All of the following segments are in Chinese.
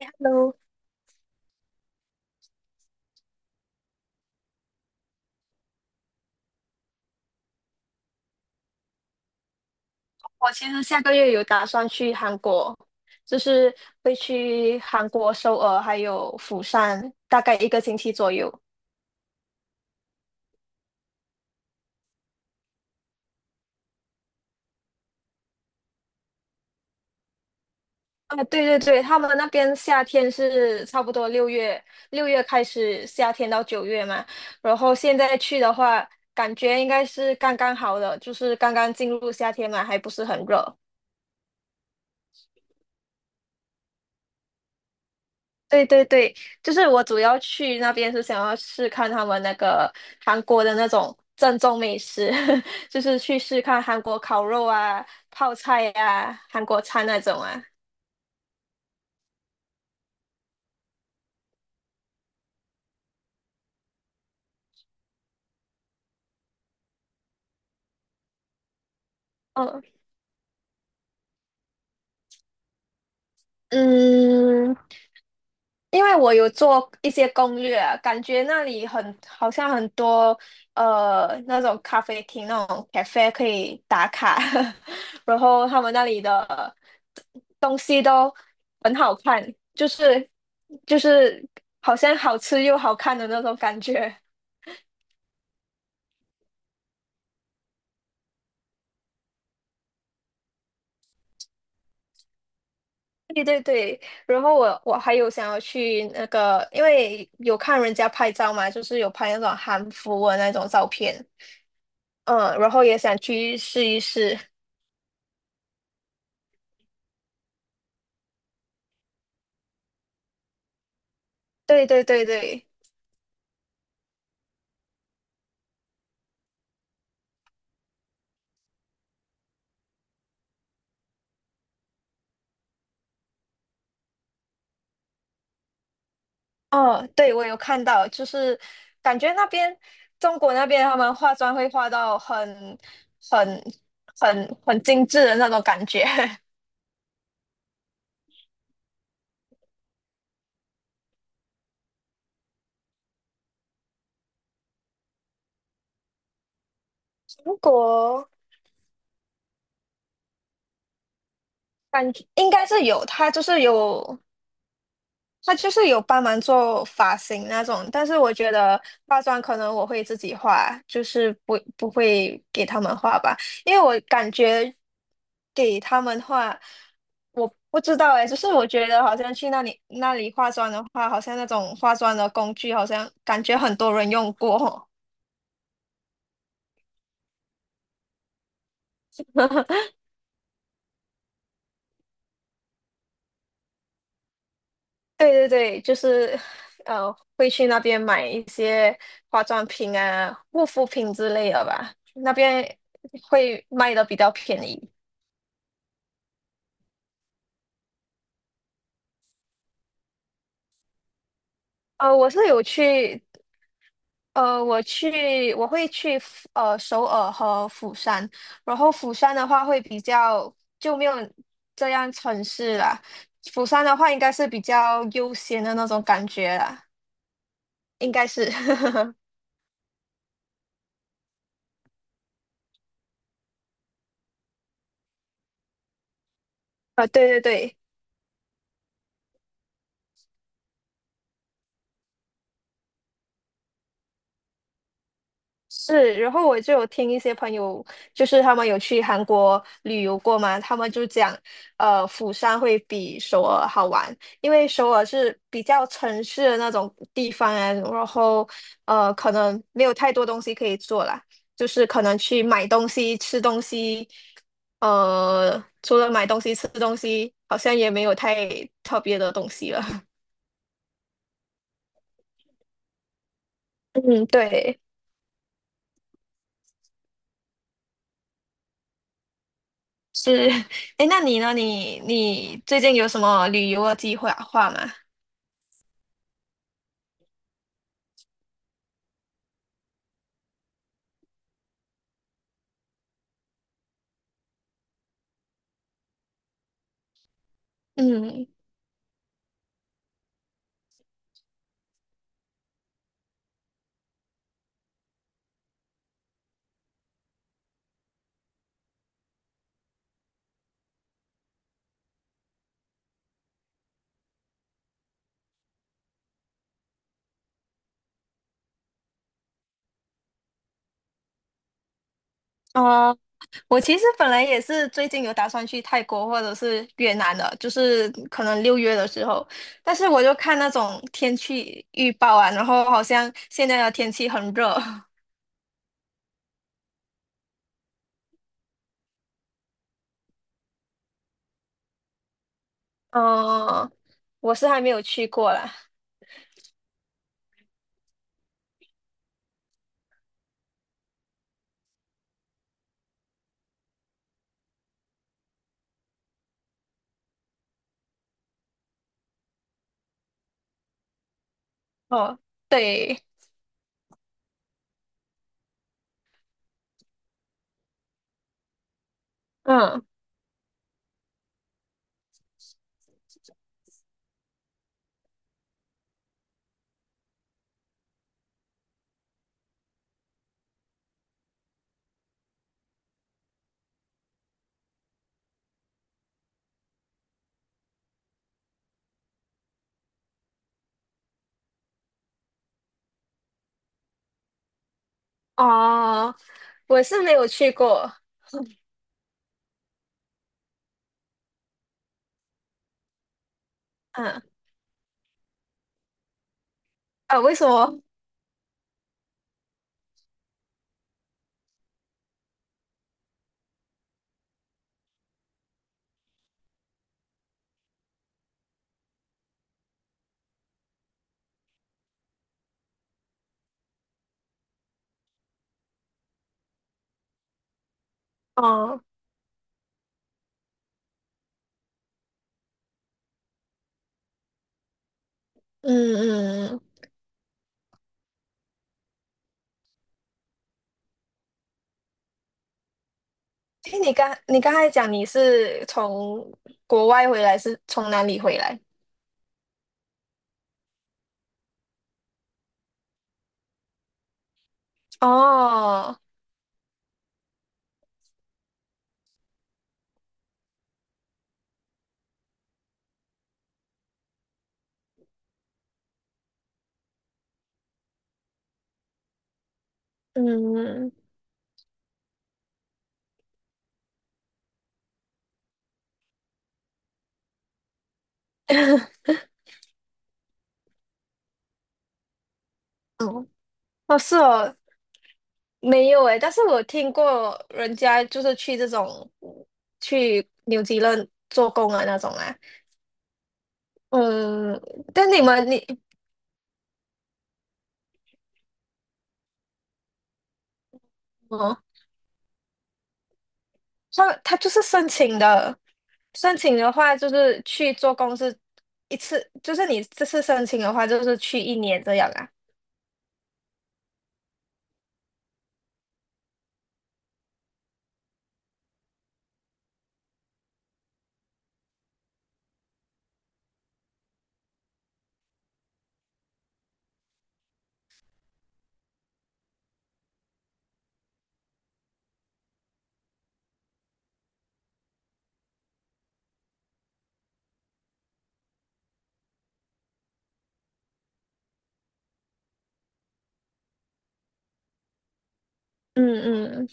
Hello，我其实下个月有打算去韩国，就是会去韩国首尔还有釜山，大概一个星期左右。啊，对对对，他们那边夏天是差不多六月，六月开始夏天到9月嘛。然后现在去的话，感觉应该是刚刚好的，就是刚刚进入夏天嘛，还不是很热。对对对，就是我主要去那边是想要试看他们那个韩国的那种正宗美食，就是去试看韩国烤肉啊、泡菜啊、韩国餐那种啊。嗯嗯，因为我有做一些攻略啊，感觉那里很好像很多那种咖啡厅那种 cafe 可以打卡，然后他们那里的东西都很好看，就是就是好像好吃又好看的那种感觉。对对对，然后我还有想要去那个，因为有看人家拍照嘛，就是有拍那种韩服的那种照片，嗯，然后也想去试一试。对对对对，哦，对，我有看到，就是感觉那边中国那边他们化妆会化到很很精致的那种感觉。中国感觉应该是有，它就是有。他就是有帮忙做发型那种，但是我觉得化妆可能我会自己化，就是不会给他们画吧，因为我感觉给他们画，我不知道哎，就是我觉得好像去那里那里化妆的话，好像那种化妆的工具，好像感觉很多人用过。对对对，就是呃，会去那边买一些化妆品啊、护肤品之类的吧，那边会卖的比较便宜。我是有去，我去，我会去首尔和釜山，然后釜山的话会比较就没有这样城市啦，釜山的话应该是比较悠闲的那种感觉啦，应该是，对对对。是，然后我就有听一些朋友，就是他们有去韩国旅游过嘛，他们就讲，釜山会比首尔好玩，因为首尔是比较城市的那种地方啊，然后可能没有太多东西可以做啦，就是可能去买东西、吃东西，除了买东西、吃东西，好像也没有太特别的东西了。嗯，对。是，哎，那你呢？你最近有什么旅游的计划吗？嗯，哦，我其实本来也是最近有打算去泰国或者是越南的，就是可能六月的时候，但是我就看那种天气预报啊，然后好像现在的天气很热，哦，我是还没有去过啦。哦，对，嗯，哦，我是没有去过，嗯，啊，为什么？哦，嗯嗯。哎，你刚才讲你是从国外回来，是从哪里回来？哦，嗯，哦，哦，是哦，没有诶，但是我听过人家就是去这种去纽西兰做工啊那种啊，嗯，但你们你哦，他就是申请的，申请的话就是去做工是一次，就是你这次申请的话就是去一年这样啊，嗯嗯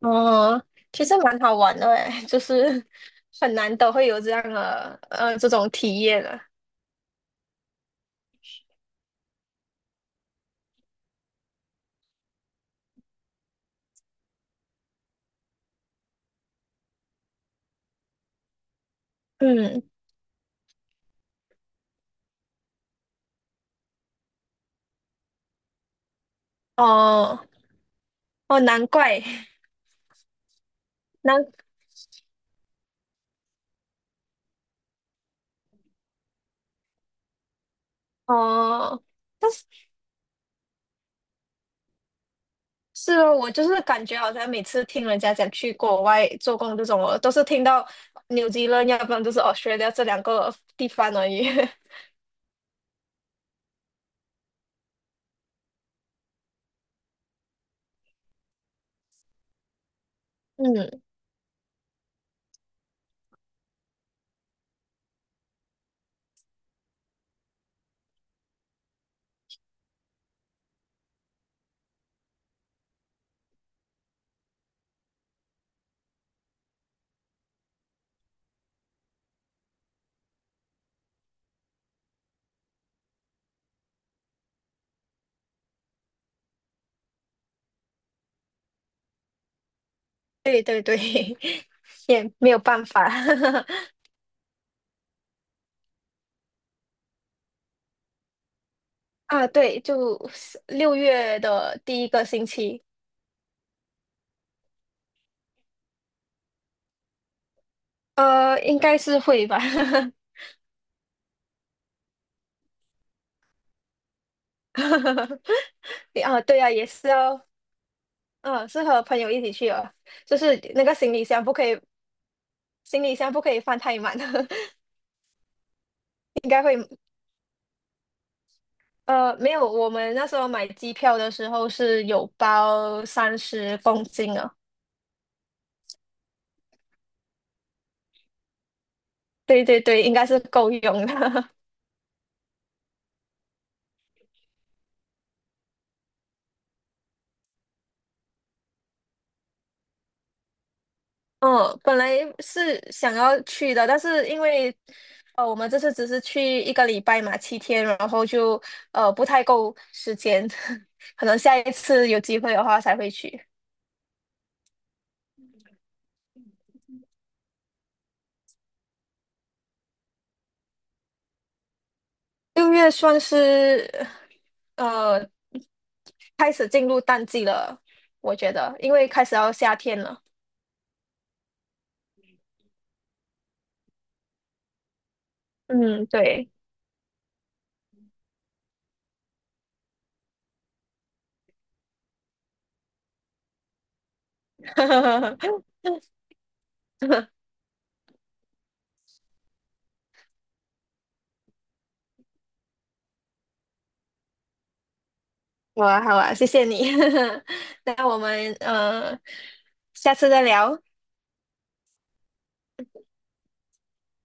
哦，其实蛮好玩的诶，就是很难得会有这样的这种体验的。嗯，哦哦，难怪难哦，但是是哦，我就是感觉好像每次听人家讲去国外做工这种，我都是听到纽西兰，要不然就是 Australia 这两个地方而已。嗯，对对对，也没有办法 啊。对，就六月的第一个星期。应该是会吧。啊，对啊，也是哦。嗯，是和朋友一起去哦，就是那个行李箱不可以，行李箱不可以放太满，应该会，没有，我们那时候买机票的时候是有包30公斤哦，对对对，应该是够用的。嗯，本来是想要去的，但是因为我们这次只是去一个礼拜嘛，7天，然后就不太够时间，可能下一次有机会的话才会去。六月算是呃开始进入淡季了，我觉得，因为开始要夏天了。嗯，对。好啊，好啊，谢谢你。那我们下次再聊。